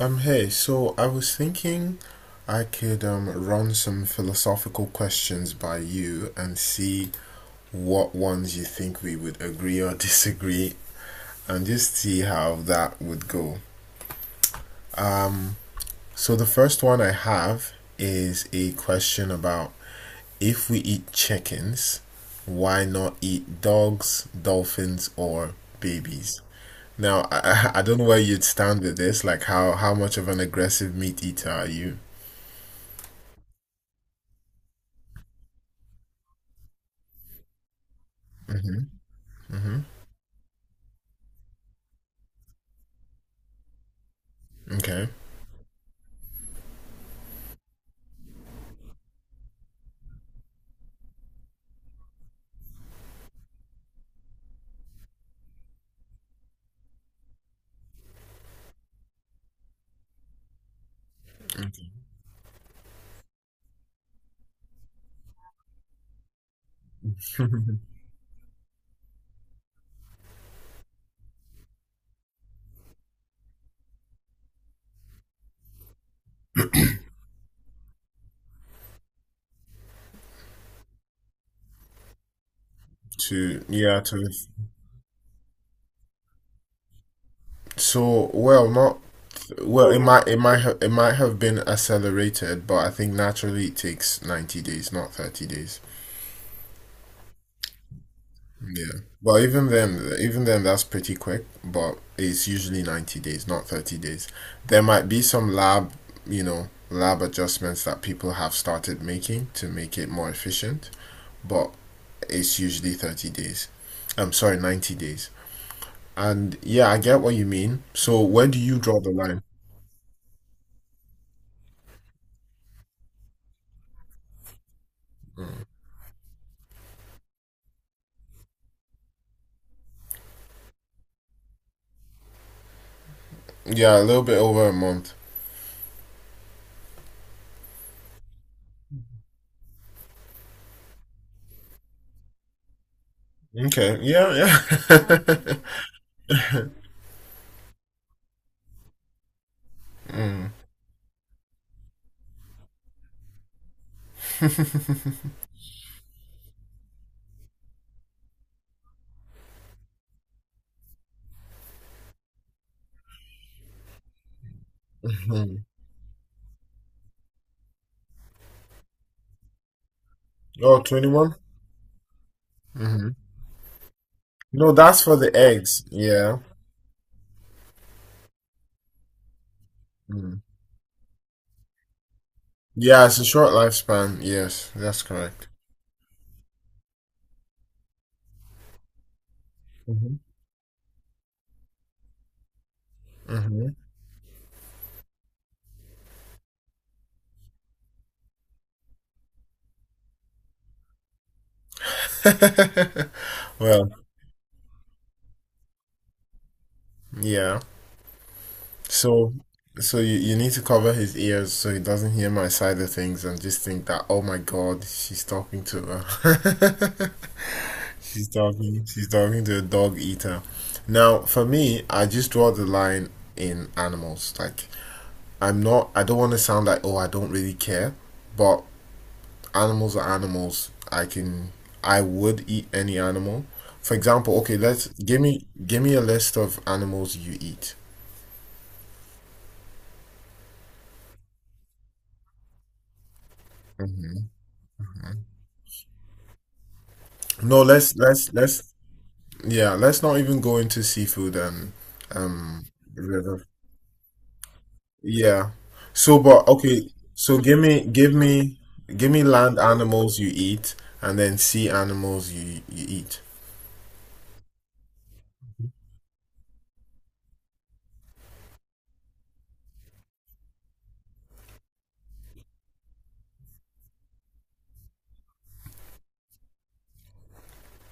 Hey, so I was thinking I could run some philosophical questions by you and see what ones you think we would agree or disagree, and just see how that would go. So the first one I have is a question about, if we eat chickens, why not eat dogs, dolphins, or babies? Now, I don't know where you'd stand with this. Like, how much of an aggressive meat eater are you? Hmm. Okay. To yeah to so well not well, it might have been accelerated, but I think naturally it takes 90 days, not 30 days. Yeah. Well, even then, that's pretty quick, but it's usually 90 days, not 30 days. There might be some lab adjustments that people have started making to make it more efficient, but it's usually 30 days. I'm sorry, 90 days. And yeah, I get what you mean. So where do you draw the line? Yeah, a little bit over a month. Okay. Yeah, yeah. Mm. Mhm. Oh, 21? Mm-hmm. No, that's for the eggs. Yeah. Mm. Yeah, it's a short lifespan. Yes, that's correct. Hmm. Hmm. Well, yeah. So, so, you need to cover his ears so he doesn't hear my side of things and just think that, oh my God, she's talking to her. She's talking. She's talking to a dog eater. Now, for me, I just draw the line in animals. Like, I'm not. I don't want to sound like, oh, I don't really care. But animals are animals. I can. I would eat any animal. For example, okay, let's give me a list of animals you eat. Hmm. No, let's yeah, let's not even go into seafood and um river. Yeah. So, but okay. So give me land animals you eat, and then sea animals you eat.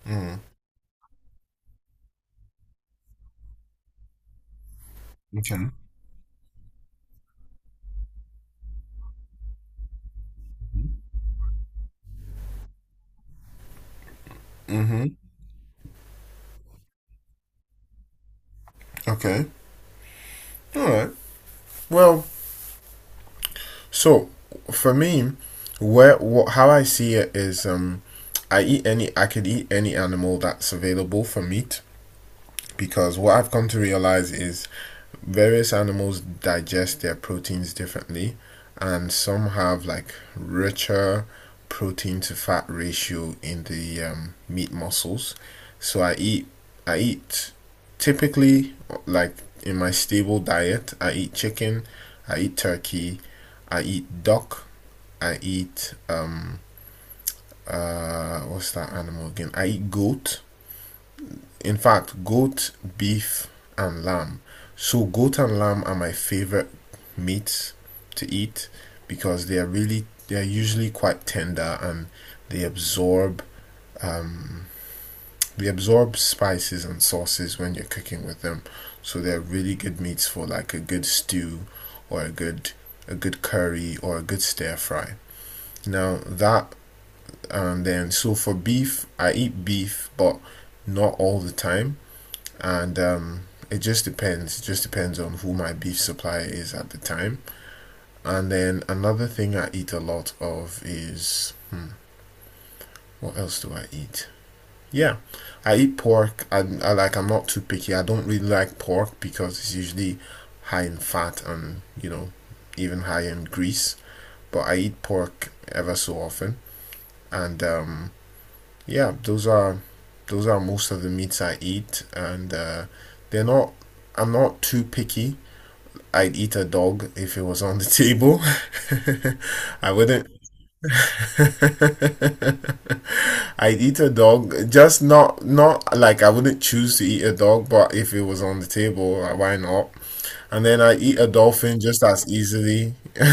Mm. Okay. Hmm. Okay. All right. Well, so for me, where what how I see it is, I could eat any animal that's available for meat, because what I've come to realize is various animals digest their proteins differently, and some have like richer protein to fat ratio in the meat muscles. So I eat typically, like in my stable diet. I eat chicken, I eat turkey, I eat duck, I eat what's that animal again? I eat goat, in fact, goat, beef, and lamb. So, goat and lamb are my favorite meats to eat because they are usually quite tender, and they absorb um, they absorb spices and sauces when you're cooking with them. So they're really good meats for like a good stew or a good, a good curry, or a good stir fry. Now that and then so, for beef, I eat beef but not all the time, and it just depends. It just depends on who my beef supplier is at the time. And then another thing I eat a lot of is, what else do I eat? Yeah, I eat pork. I like. I'm not too picky. I don't really like pork because it's usually high in fat and, even high in grease. But I eat pork ever so often, and yeah, those are most of the meats I eat, and they're not. I'm not too picky. I'd eat a dog if it was on the table. I wouldn't. I'd eat a dog, just not like I wouldn't choose to eat a dog, but if it was on the table, like, why not? And then I eat a dolphin just as easily.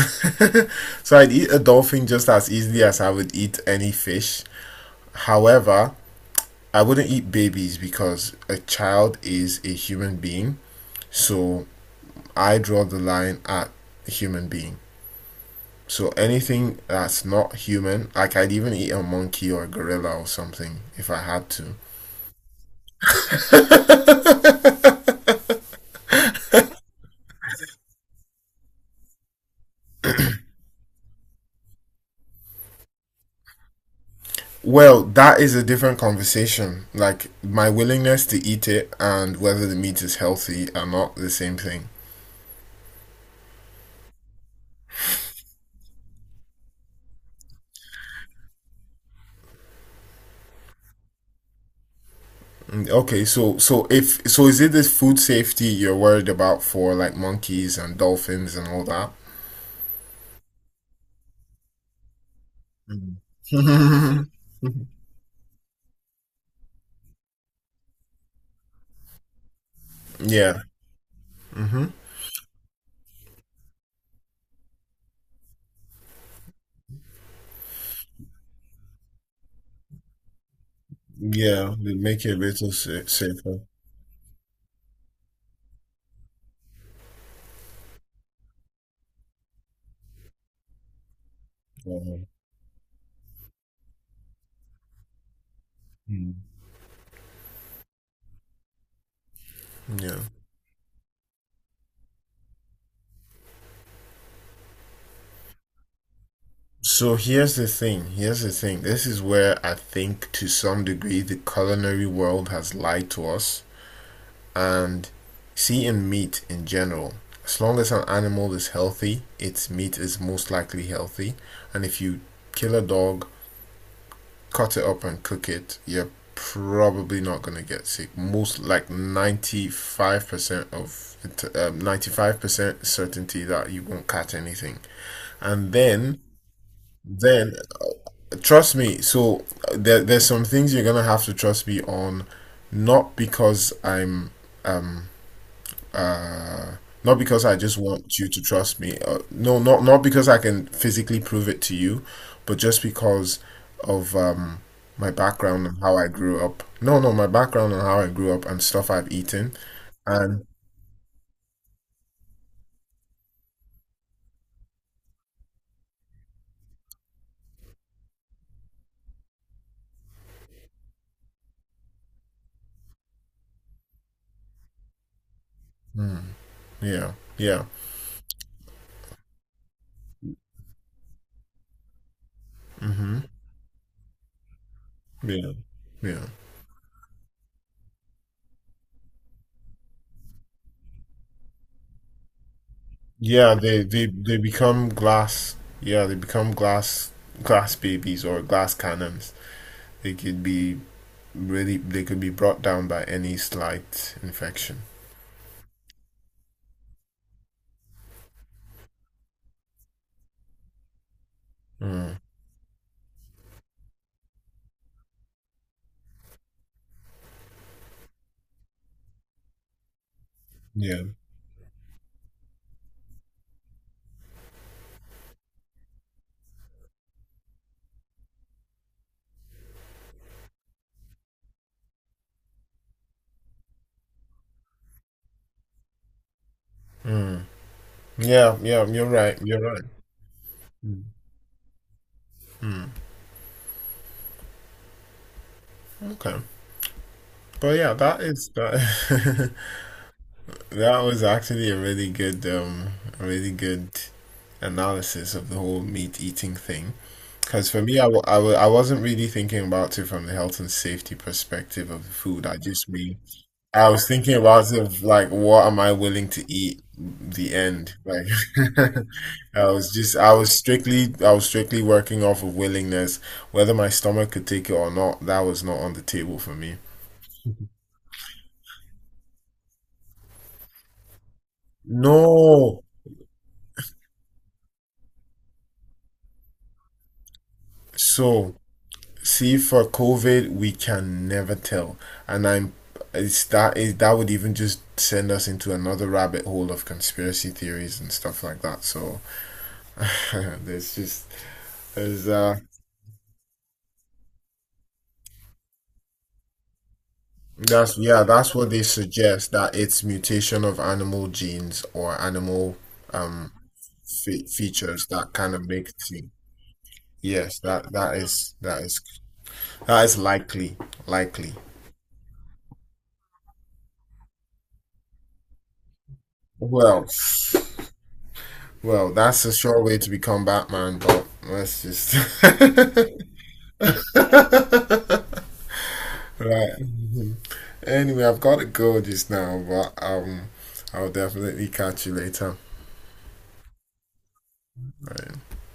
So I'd eat a dolphin just as easily as I would eat any fish. However, I wouldn't eat babies because a child is a human being. So I draw the line at human being. So anything that's not human, like I'd even eat a monkey or a gorilla or something if I had to. Well, that is a different conversation. Like, my willingness to eat it and whether the meat is healthy are not the same thing. Okay, so so if so is it this food safety you're worried about for like monkeys and dolphins and all that? Mhm. Yeah. Hmm. Yeah, they make it a little safer. Yeah. Mm. Yeah. So here's the thing. Here's the thing. This is where I think, to some degree, the culinary world has lied to us. And, see, in meat in general, as long as an animal is healthy, its meat is most likely healthy. And if you kill a dog, cut it up, and cook it, you're probably not going to get sick. Most like 95% certainty that you won't catch anything. And then, then, trust me. So there's some things you're gonna have to trust me on, not because I'm, um uh not because I just want you to trust me. No, not because I can physically prove it to you, but just because of, my background and how I grew up. No, no, my background and how I grew up and stuff I've eaten, and mm, yeah, yeah, mm-hmm, yeah, yeah. Yeah, they become glass. Yeah, they become glass babies, or glass cannons. They could be really. They could be brought down by any slight infection. Mm. Yeah. Mm. Yeah. Yeah. You're right. You're right. Mm. Mm. Okay. But yeah, that is that. That was actually a really good, a really good analysis of the whole meat eating thing. Because for me, I wasn't really thinking about it from the health and safety perspective of the food. I just mean, I was thinking about it of like, what am I willing to eat? The end. Like, I was strictly working off of willingness. Whether my stomach could take it or not, that was not on the table for me. No. So, see, for COVID, we can never tell, and I'm it's that it, that would even just send us into another rabbit hole of conspiracy theories and stuff like that. So there's just there's that's yeah that's what they suggest, that it's mutation of animal genes or animal um fe features that kind of make it. Yes, that is likely, likely. Who else? Well, that's a sure way to become Batman, but let's just right. Anyway, I've got to go just now, but I'll definitely catch you later. Right.